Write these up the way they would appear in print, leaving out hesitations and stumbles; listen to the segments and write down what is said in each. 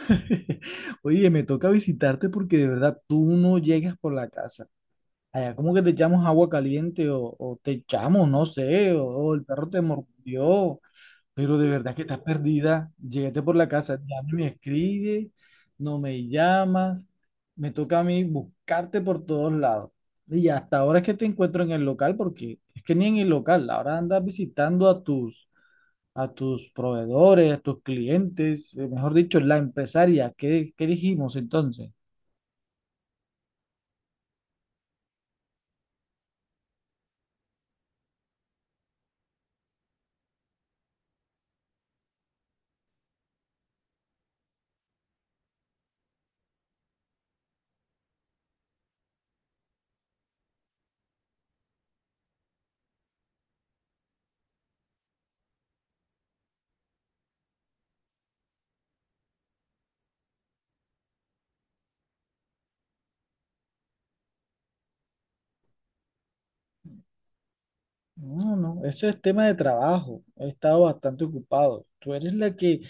Oye, me toca visitarte porque de verdad tú no llegas por la casa. Allá como que te echamos agua caliente o te echamos, no sé, o el perro te mordió, pero de verdad que estás perdida. Llegaste por la casa, ya no me escribes, no me llamas, me toca a mí buscarte por todos lados. Y hasta ahora es que te encuentro en el local porque es que ni en el local, ahora andas visitando a tus proveedores, a tus clientes, mejor dicho, la empresaria. ¿Qué dijimos entonces? No, no, eso es tema de trabajo. He estado bastante ocupado. Tú eres la que,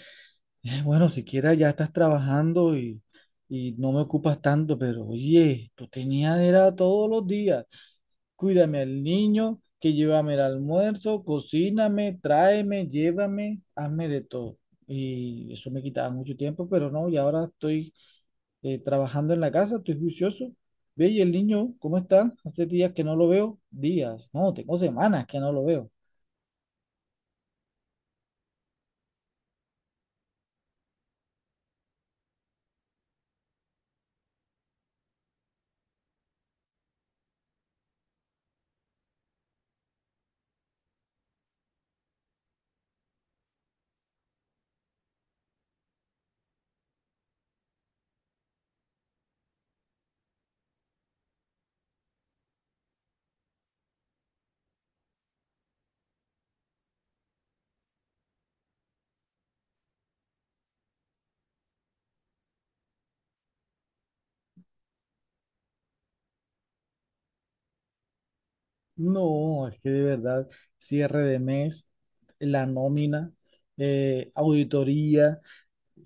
bueno, siquiera ya estás trabajando y no me ocupas tanto, pero oye, tú tenías era todos los días. Cuídame al niño, que llévame el almuerzo, cocíname, tráeme, llévame, hazme de todo. Y eso me quitaba mucho tiempo, pero no, y ahora estoy trabajando en la casa, estoy juicioso. Ve, y el niño, ¿cómo está? Hace días que no lo veo. Días, no, tengo semanas que no lo veo. No, es que de verdad, cierre de mes, la nómina, auditoría,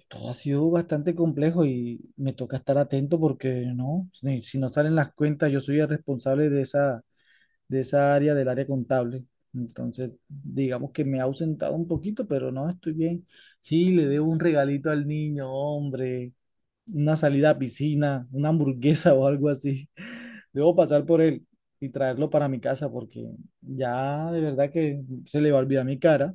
todo ha sido bastante complejo y me toca estar atento porque no, si, si no salen las cuentas, yo soy el responsable de esa área del área contable. Entonces, digamos que me he ausentado un poquito, pero no estoy bien. Sí, le debo un regalito al niño, hombre, una salida a piscina, una hamburguesa o algo así. Debo pasar por él y traerlo para mi casa porque ya de verdad que se le va a olvidar mi cara.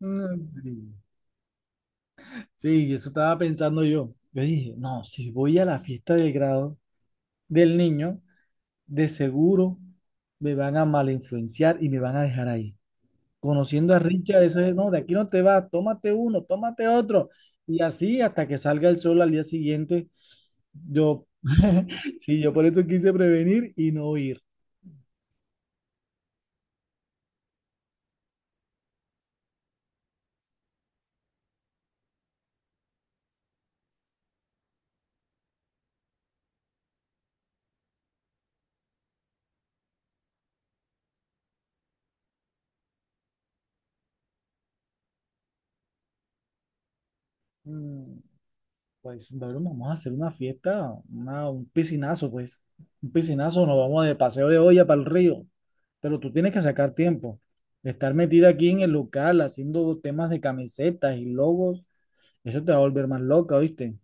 Mm, sí. Sí, eso estaba pensando yo. Yo dije, no, si voy a la fiesta del grado del niño, de seguro me van a mal influenciar y me van a dejar ahí. Conociendo a Richard, eso es, no, de aquí no te vas, tómate uno, tómate otro. Y así hasta que salga el sol al día siguiente, yo, sí, yo por eso quise prevenir y no ir. Mm, pues, bueno, vamos a hacer una fiesta, un piscinazo, pues. Un piscinazo, nos vamos de paseo de olla para el río. Pero tú tienes que sacar tiempo. Estar metida aquí en el local haciendo temas de camisetas y logos, eso te va a volver más loca, ¿viste?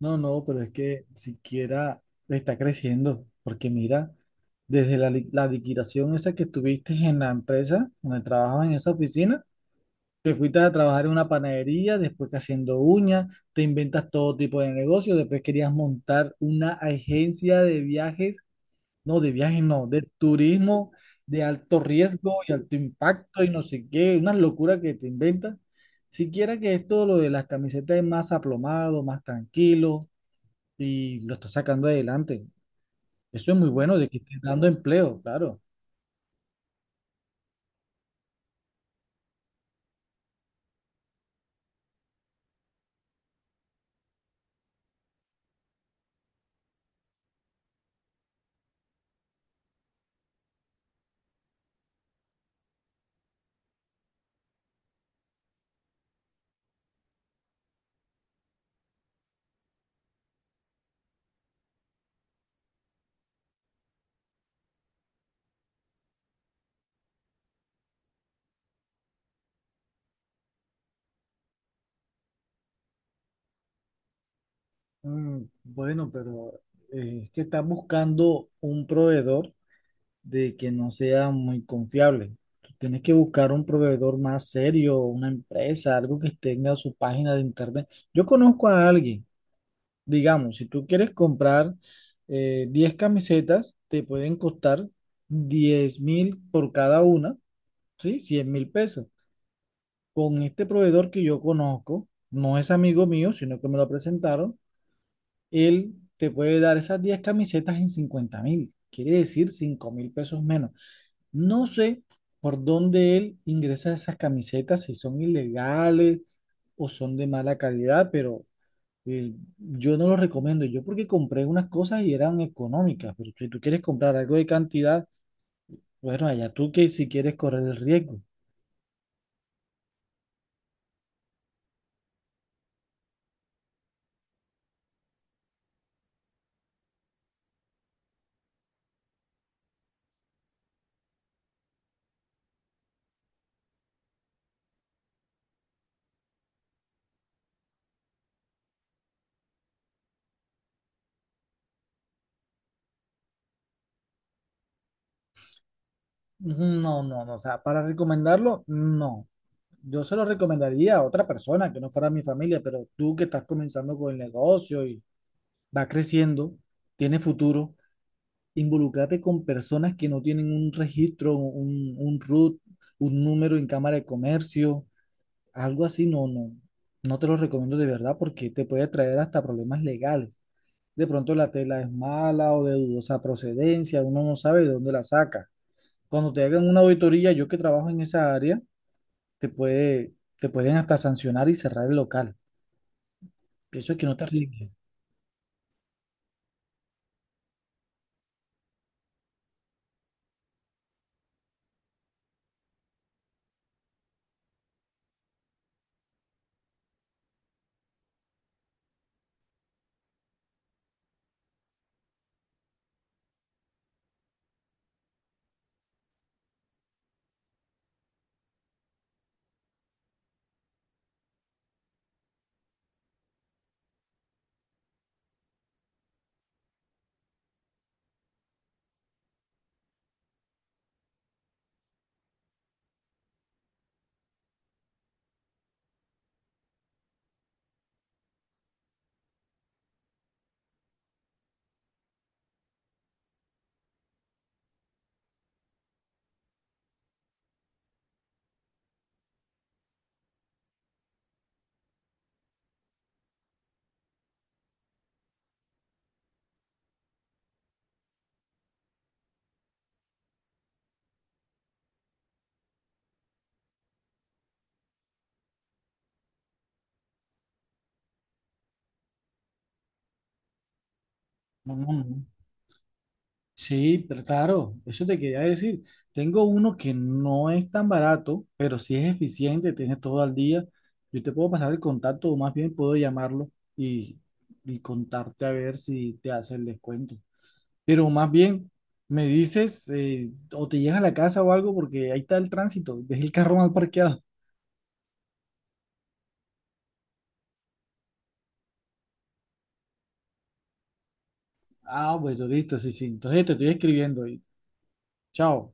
No, no, pero es que siquiera está creciendo, porque mira, desde la liquidación esa que tuviste en la empresa, donde trabajabas en esa oficina, te fuiste a trabajar en una panadería, después que haciendo uñas, te inventas todo tipo de negocio, después querías montar una agencia de viajes, no, de viajes no, de turismo de alto riesgo y alto impacto y no sé qué, una locura que te inventas. Siquiera que esto, lo de las camisetas es más aplomado, más tranquilo y lo está sacando adelante. Eso es muy bueno de que esté dando empleo, claro. Mm, bueno, pero es que estás buscando un proveedor de que no sea muy confiable. Tú tienes que buscar un proveedor más serio, una empresa, algo que tenga su página de internet. Yo conozco a alguien, digamos, si tú quieres comprar 10 camisetas, te pueden costar 10.000 por cada una, ¿sí? 100.000 pesos. Con este proveedor que yo conozco, no es amigo mío, sino que me lo presentaron, él te puede dar esas 10 camisetas en 50.000, quiere decir 5.000 pesos menos. No sé por dónde él ingresa esas camisetas, si son ilegales o son de mala calidad, pero yo no lo recomiendo. Yo porque compré unas cosas y eran económicas, pero si tú quieres comprar algo de cantidad, bueno, allá tú que si quieres correr el riesgo. No, no, no, o sea, para recomendarlo, no. Yo se lo recomendaría a otra persona que no fuera mi familia, pero tú que estás comenzando con el negocio y va creciendo, tiene futuro, involúcrate con personas que no tienen un registro, un RUT, un número en Cámara de Comercio, algo así, no, no, no te lo recomiendo de verdad porque te puede traer hasta problemas legales. De pronto la tela es mala o de dudosa procedencia, uno no sabe de dónde la saca. Cuando te hagan una auditoría, yo que trabajo en esa área, te puede, te pueden hasta sancionar y cerrar el local. Eso es que no te arriesgues. No, no, no. Sí, pero claro, eso te quería decir. Tengo uno que no es tan barato, pero sí es eficiente, tienes todo al día. Yo te puedo pasar el contacto, o más bien puedo llamarlo y, y contarte a ver si te hace el descuento. Pero más bien, me dices, o te llegas a la casa o algo, porque ahí está el tránsito, dejé el carro mal parqueado. Ah, bueno, listo, sí, sí. Entonces te estoy escribiendo y chao.